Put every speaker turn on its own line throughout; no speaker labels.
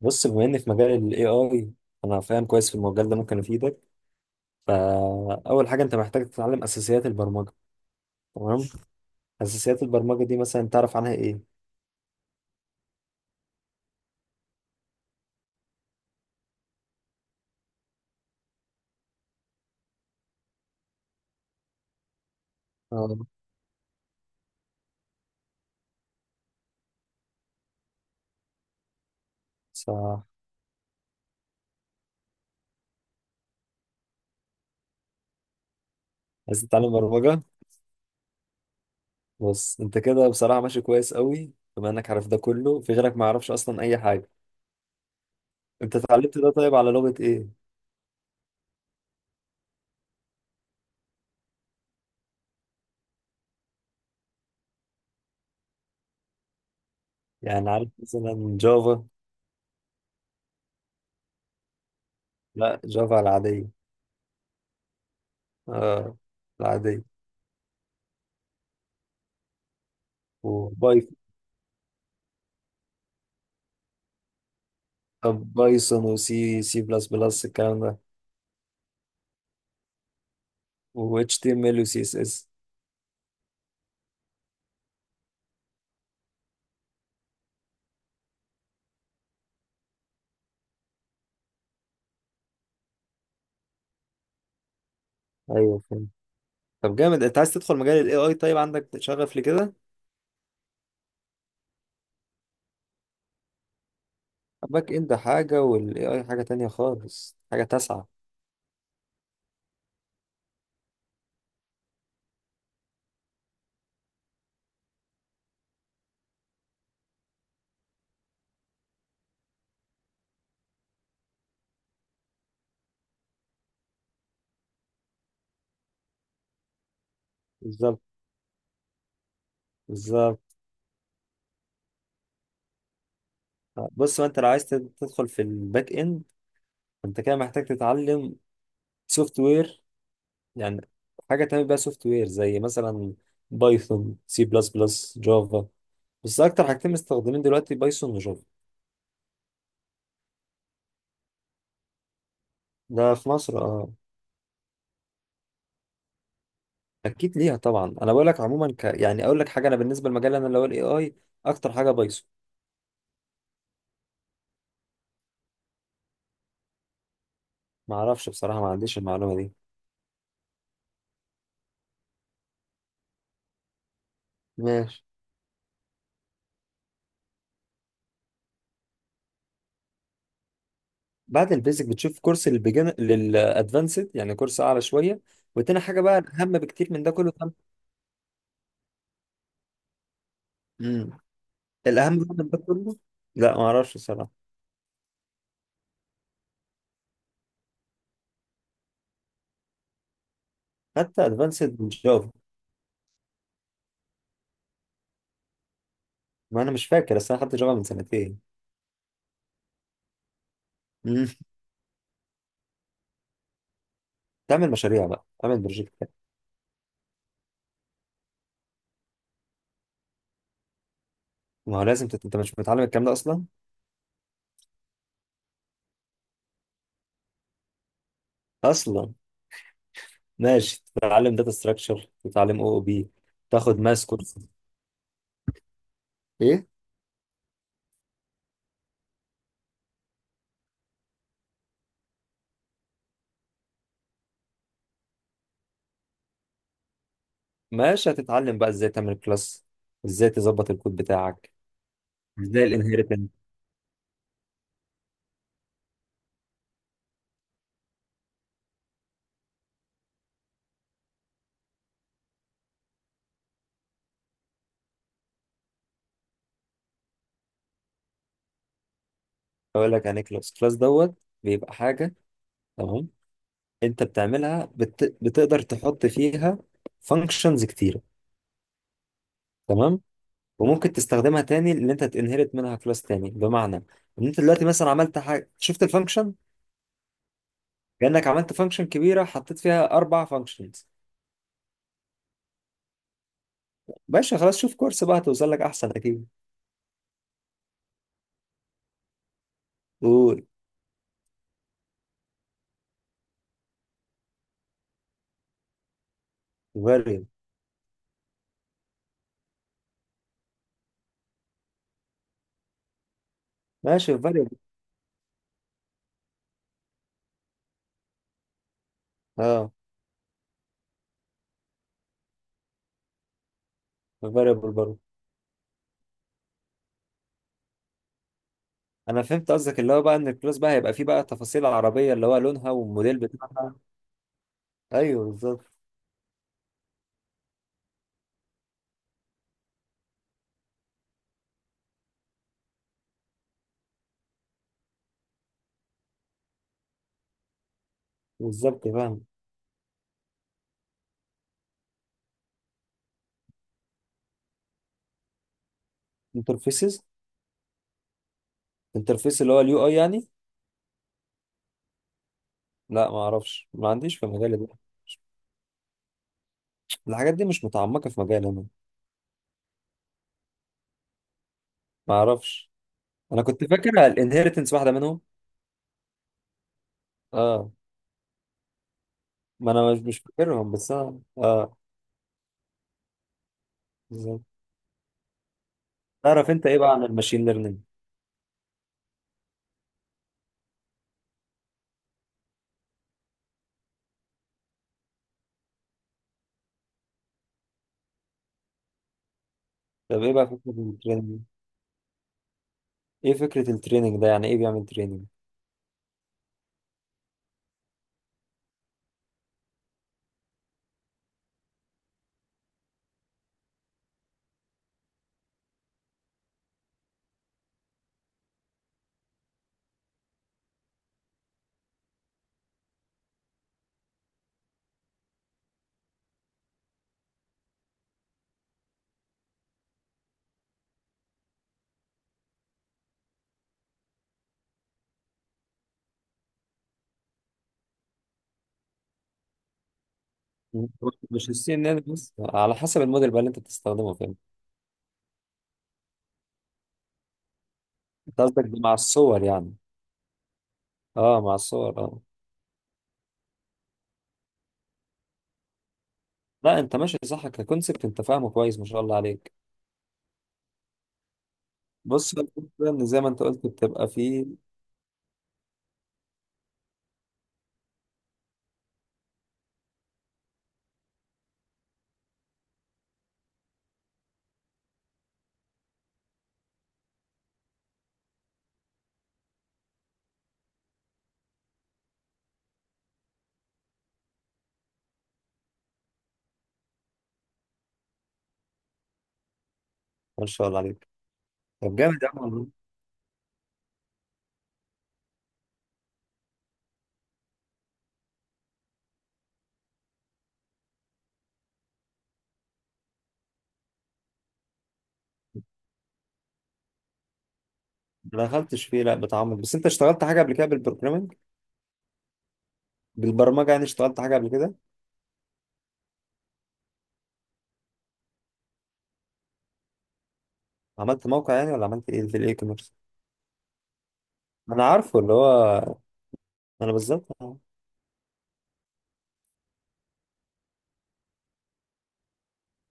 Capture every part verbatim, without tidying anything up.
بص، بما اني في مجال الاي اي، انا فاهم كويس في المجال ده، ممكن افيدك. فاول حاجه انت محتاج تتعلم اساسيات البرمجه. تمام. اساسيات البرمجه دي مثلا تعرف عنها ايه؟ اه، صح. عايز تتعلم برمجه. بص، انت كده بصراحه ماشي كويس قوي، بما انك عارف ده كله، في غيرك ما يعرفش اصلا اي حاجه. انت اتعلمت ده طيب على لغه ايه؟ يعني عارف مثلا جافا؟ لا، جافا العاديه. اه، العاديه. وبايثون. بايثون وسي سي بلس بلس الكلام ده، و إتش تي إم إل و سي إس إس. ايوه، فهمت. طب جامد. انت عايز تدخل مجال ال إيه آي؟ طيب عندك شغف لكده؟ الباك اند حاجة وال إيه آي حاجة تانية خالص، حاجة تاسعة. بالظبط، بالظبط. بص، ما انت لو عايز تد- تدخل في الباك اند، انت كده محتاج تتعلم سوفت وير، يعني حاجة تعمل بيها سوفت وير، زي مثلا بايثون، سي بلس بلس، جافا. بس اكتر حاجتين مستخدمين دلوقتي بايثون وجافا. ده في مصر، اه. اكيد ليها طبعا. انا بقول لك عموما ك... يعني اقول لك حاجه، انا بالنسبه لمجال انا اللي هو الاي اي، اكتر حاجه بايثون. ما اعرفش بصراحه، ما عنديش المعلومه دي. ماشي. بعد البيزك بتشوف كورس للبيجن للادفانسد، يعني كورس اعلى شويه. وتاني حاجه بقى الاهم بكتير من ده كله طبعاً. امم الاهم بقى من ده كله، لا ما اعرفش الصراحه. حتى ادفانسد من جافا، ما انا مش فاكر، اصل انا خدت جافا من سنتين. امم تعمل مشاريع بقى، تعمل بروجكتات. ما هو لازم تت... انت مش متعلم الكلام ده اصلا اصلا. ماشي، تتعلم داتا ستراكشر، تتعلم او او بي. تاخد ماس كورس. ايه؟ ماشي، هتتعلم بقى ازاي تعمل كلاس، ازاي تظبط الكود بتاعك، ازاي الانهيرتنس. اقول لك يعني كلاس. كلاس دوت بيبقى حاجه، تمام؟ انت بتعملها بت... بتقدر تحط فيها فانكشنز كتيره، تمام؟ وممكن تستخدمها تاني، اللي انت تنهرت منها كلاس تاني، بمعنى ان انت دلوقتي مثلا عملت حاجه، شفت الفانكشن؟ كانك عملت فانكشن كبيره حطيت فيها اربع فانكشنز. باشا خلاص، شوف كورس بقى، هتوصل لك احسن اكيد. قول. فاريبل. ماشي، فاريبل. اه، فاريبل برضه. انا فهمت قصدك، اللي هو بقى ان الكلاس بقى هيبقى فيه بقى تفاصيل عربيه، اللي هو لونها والموديل بتاعها. ايوه، بالظبط. بالظبط، فاهم. انترفيسز. انترفيس اللي هو اليو اي يعني. لا، ما اعرفش، ما عنديش في مجالي ده. الحاجات دي مش متعمقه في مجالي انا. ما اعرفش. انا كنت فاكر الانهيرتنس واحده منهم. اه. ما انا مش مش فاكرهم، بس انا اه. بالظبط. تعرف انت ايه بقى عن الماشين ليرنينج؟ طب ايه بقى فكره التريننج؟ ايه فكره التريننج ده؟ يعني ايه بيعمل تريننج؟ مش السي ان ان بس، على حسب الموديل بقى اللي انت بتستخدمه فين. انت قصدك ده مع الصور يعني؟ اه، مع الصور، اه. لا، انت ماشي صح ككونسبت، انت فاهمه كويس، ما شاء الله عليك. بص، هو الفكرة ان زي ما انت قلت بتبقى فيه. ما شاء الله عليك. طب جامد يا عم والله. ما دخلتش فيه لا بتعمق. بس انت اشتغلت حاجه قبل كده بالبروجرامنج؟ بالبرمجه يعني، اشتغلت حاجه قبل كده؟ عملت موقع يعني، ولا عملت ايه في الاي كوميرس؟ انا عارفه اللي هو. انا بالظبط، آه.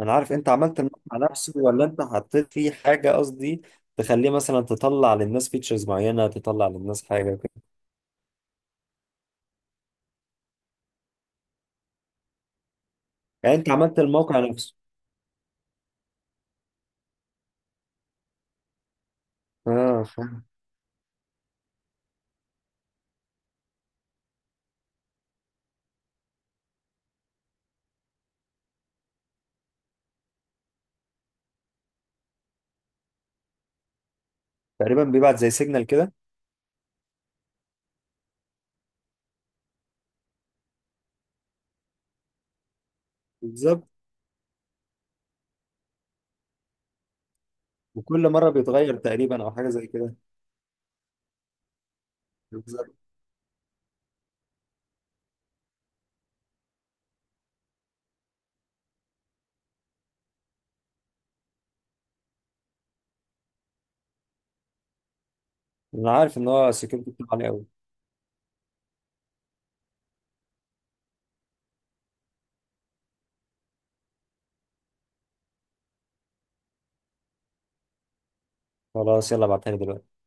انا عارف، انت عملت المقطع نفسه، ولا انت حطيت فيه حاجه قصدي تخليه مثلا تطلع للناس فيتشرز معينه، تطلع للناس حاجه كده؟ يعني انت عملت الموقع نفسه. اه، فاهم. تقريبا بيبعت زي سيجنال كده. بالظبط. وكل مره بيتغير تقريبا، او حاجه زي كده. بالظبط. انا عارف ان هو سكيورتي بتاعه عالي قوي. خلاص، يلا ابعتها لي دلوقتي.